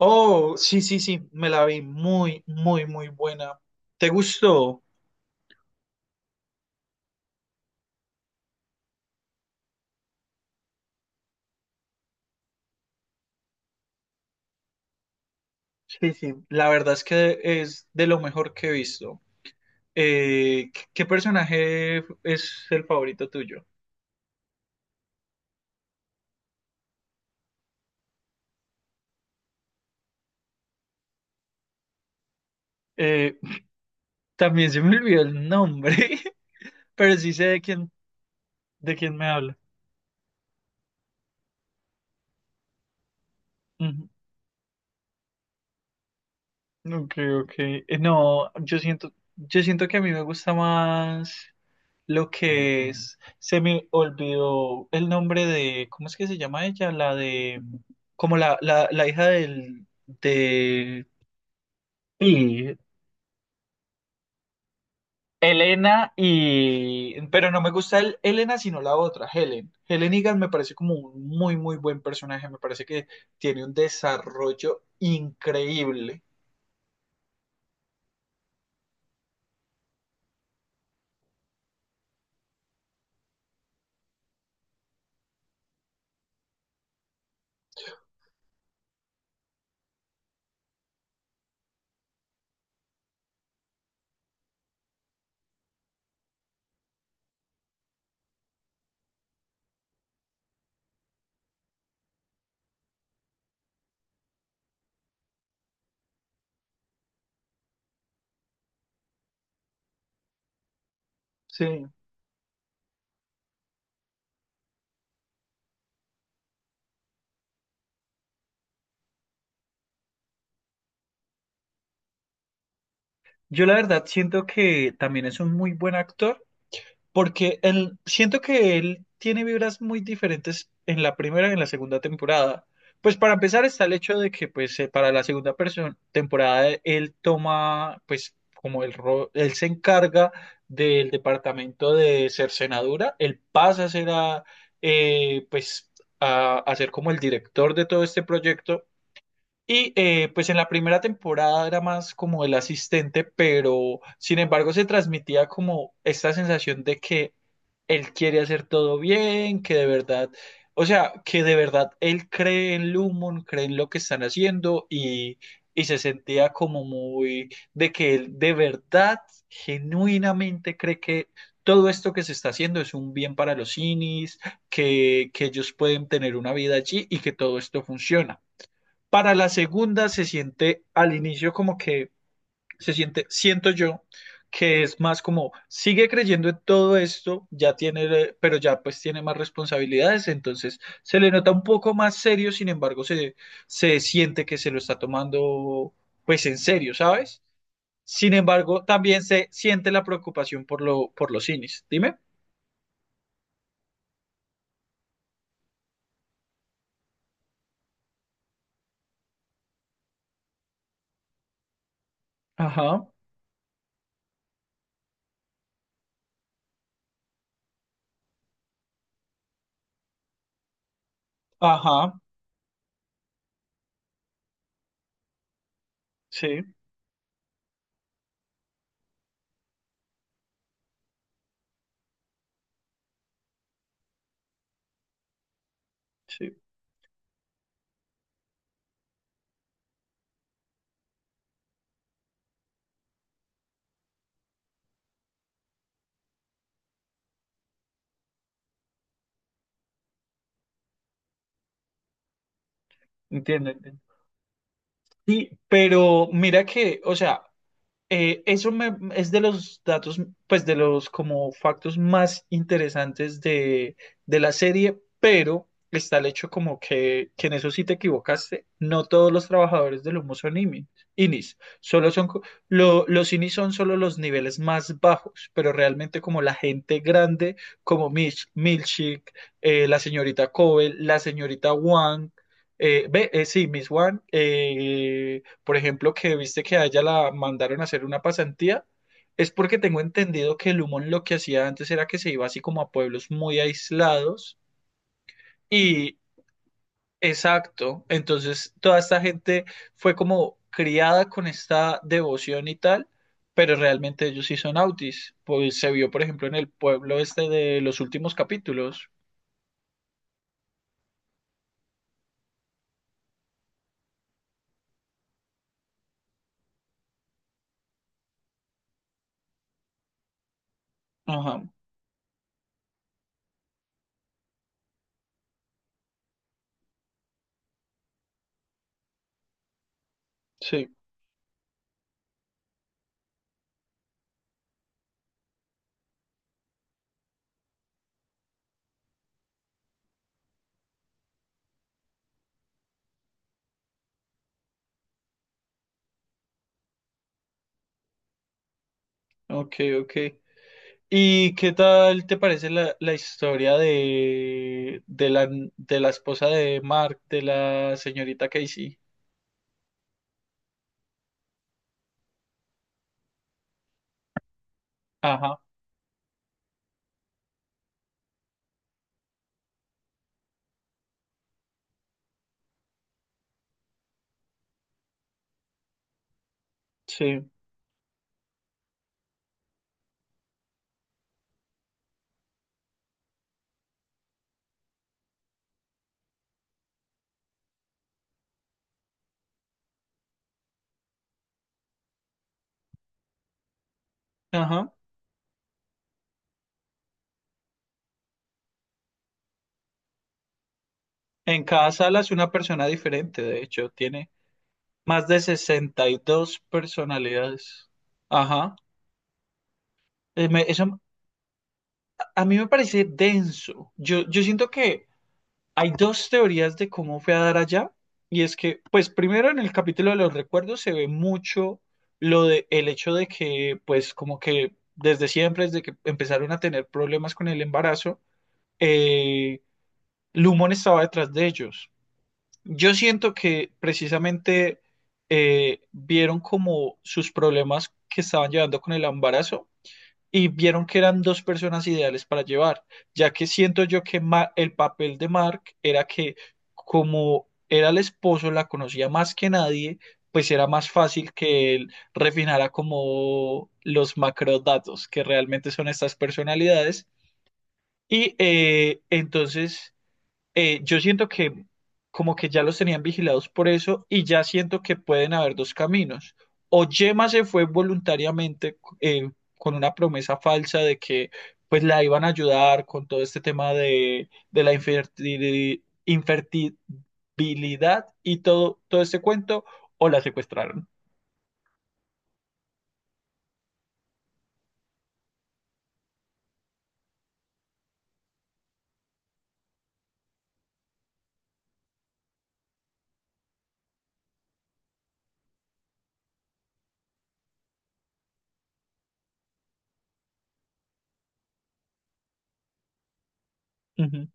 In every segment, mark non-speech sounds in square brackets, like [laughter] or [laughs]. Oh, sí, sí, sí, me la vi muy, muy, muy buena. ¿Te gustó? Sí, sí. La verdad es que es de lo mejor que he visto. ¿Qué personaje es el favorito tuyo? Eh, También se me olvidó el nombre, [laughs] pero sí sé de quién me habla. Ujú. Ok, ok. No, yo siento que a mí me gusta más. Lo que es, se me olvidó el nombre de, ¿cómo es que se llama ella? La de, como la hija del, de, y Elena y, pero no me gusta Elena sino la otra, Helen. Helen Egan me parece como un muy, muy buen personaje, me parece que tiene un desarrollo increíble. Sí, yo la verdad siento que también es un muy buen actor, porque siento que él tiene vibras muy diferentes en la primera y en la segunda temporada. Pues para empezar está el hecho de que pues para la segunda temporada él toma pues como él se encarga del departamento de cercenadura. Él pasa a ser eh, pues a ser como el director de todo este proyecto y pues en la primera temporada era más como el asistente, pero sin embargo se transmitía como esta sensación de que él quiere hacer todo bien, que de verdad, o sea, que de verdad él cree en Lumon, cree en lo que están haciendo, y se sentía como muy de que él de verdad, genuinamente cree que todo esto que se está haciendo es un bien para los Inis, que ellos pueden tener una vida allí y que todo esto funciona. Para la segunda se siente al inicio como que se siente, siento yo, que es más como sigue creyendo en todo esto, pero ya pues tiene más responsabilidades, entonces se le nota un poco más serio, sin embargo se siente que se lo está tomando pues en serio, ¿sabes? Sin embargo, también se siente la preocupación por los cines. Dime. Ajá, ajá, sí, sí, entienden. Sí, pero mira que, o sea, eso me, es de los datos, pues de los como factos más interesantes de, la serie, pero está el hecho como que, en eso sí te equivocaste. No todos los trabajadores del humo son IMI INIs, solo son, los INIs son solo los niveles más bajos, pero realmente como la gente grande, como Milchick, la señorita Cobel, la señorita Wang, ve, sí, Miss Wang, por ejemplo, que viste que a ella la mandaron a hacer una pasantía, es porque tengo entendido que Lumon lo que hacía antes era que se iba así como a pueblos muy aislados y exacto, entonces toda esta gente fue como criada con esta devoción y tal, pero realmente ellos sí son autis, pues se vio por ejemplo en el pueblo este de los últimos capítulos. Ajá, sí, ok, ok. ¿Y qué tal te parece la historia de, de la esposa de Mark, de la señorita Casey? Ajá, sí, ajá. En cada sala es una persona diferente, de hecho, tiene más de 62 personalidades. Ajá. Eso a mí me parece denso. Yo siento que hay dos teorías de cómo fue a dar allá, y es que, pues primero en el capítulo de los recuerdos se ve mucho lo de el hecho de que, pues como que desde siempre, desde que empezaron a tener problemas con el embarazo, eh, Lumon estaba detrás de ellos. Yo siento que precisamente vieron como sus problemas que estaban llevando con el embarazo y vieron que eran dos personas ideales para llevar, ya que siento yo que el papel de Mark era que como era el esposo, la conocía más que nadie, pues era más fácil que él refinara como los macrodatos, que realmente son estas personalidades. Y entonces yo siento que como que ya los tenían vigilados por eso y ya siento que pueden haber dos caminos. O Yema se fue voluntariamente, con una promesa falsa de que pues la iban a ayudar con todo este tema de, infertilidad y todo, todo este cuento, o la secuestraron. Ujú.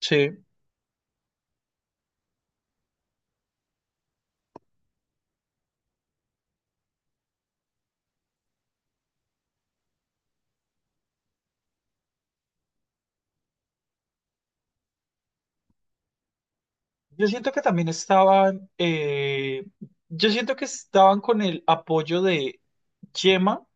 Sí. Yo siento que también estaban, eh, yo siento que estaban con el apoyo de Yema,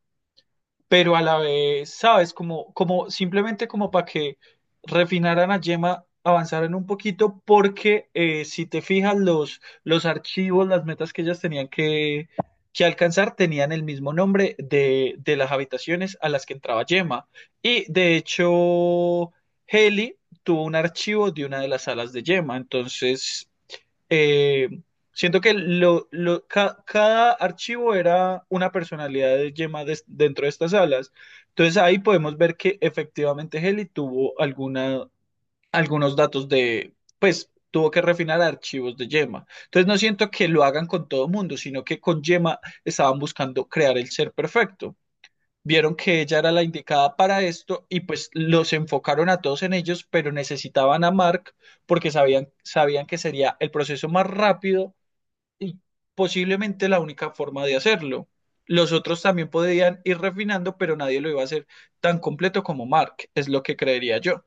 pero a la vez, ¿sabes? Como simplemente como para que refinaran a Gemma, avanzaran un poquito, porque si te fijas, los archivos, las metas que ellas tenían que, alcanzar tenían el mismo nombre de, las habitaciones a las que entraba Gemma. Y de hecho, Heli tuvo un archivo de una de las salas de Gemma, entonces eh, siento que cada archivo era una personalidad de Gemma dentro de estas salas. Entonces ahí podemos ver que efectivamente Heli tuvo algunos datos pues tuvo que refinar archivos de Gemma. Entonces no siento que lo hagan con todo mundo, sino que con Gemma estaban buscando crear el ser perfecto. Vieron que ella era la indicada para esto y pues los enfocaron a todos en ellos, pero necesitaban a Mark porque sabían que sería el proceso más rápido y posiblemente la única forma de hacerlo. Los otros también podían ir refinando, pero nadie lo iba a hacer tan completo como Mark, es lo que creería yo.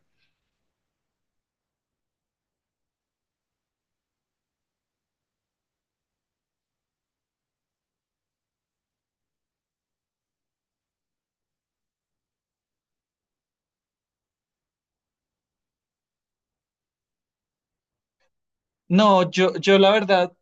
No, yo la verdad,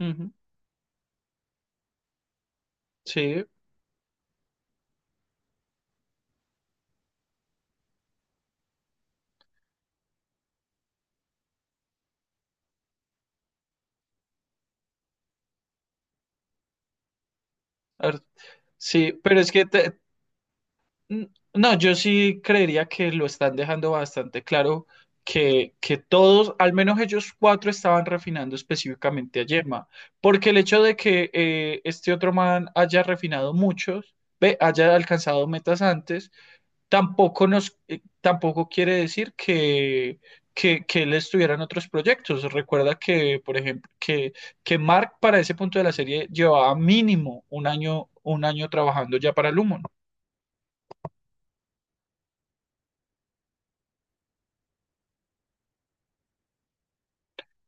ujú. Sí, ar- sí, pero es que n- no, yo sí creería que lo están dejando bastante claro que, todos, al menos ellos cuatro, estaban refinando específicamente a Yema, porque el hecho de que este otro man haya refinado muchos, ve, haya alcanzado metas antes, tampoco quiere decir que, él estuviera en otros proyectos. Recuerda que, por ejemplo, que Mark para ese punto de la serie llevaba mínimo un año trabajando ya para Lumon.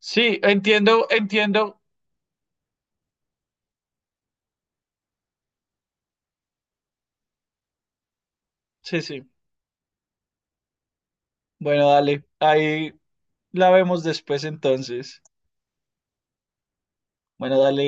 Sí, entiendo, entiendo. Sí, sí. Bueno, dale. Ahí la vemos después entonces. Bueno, dale.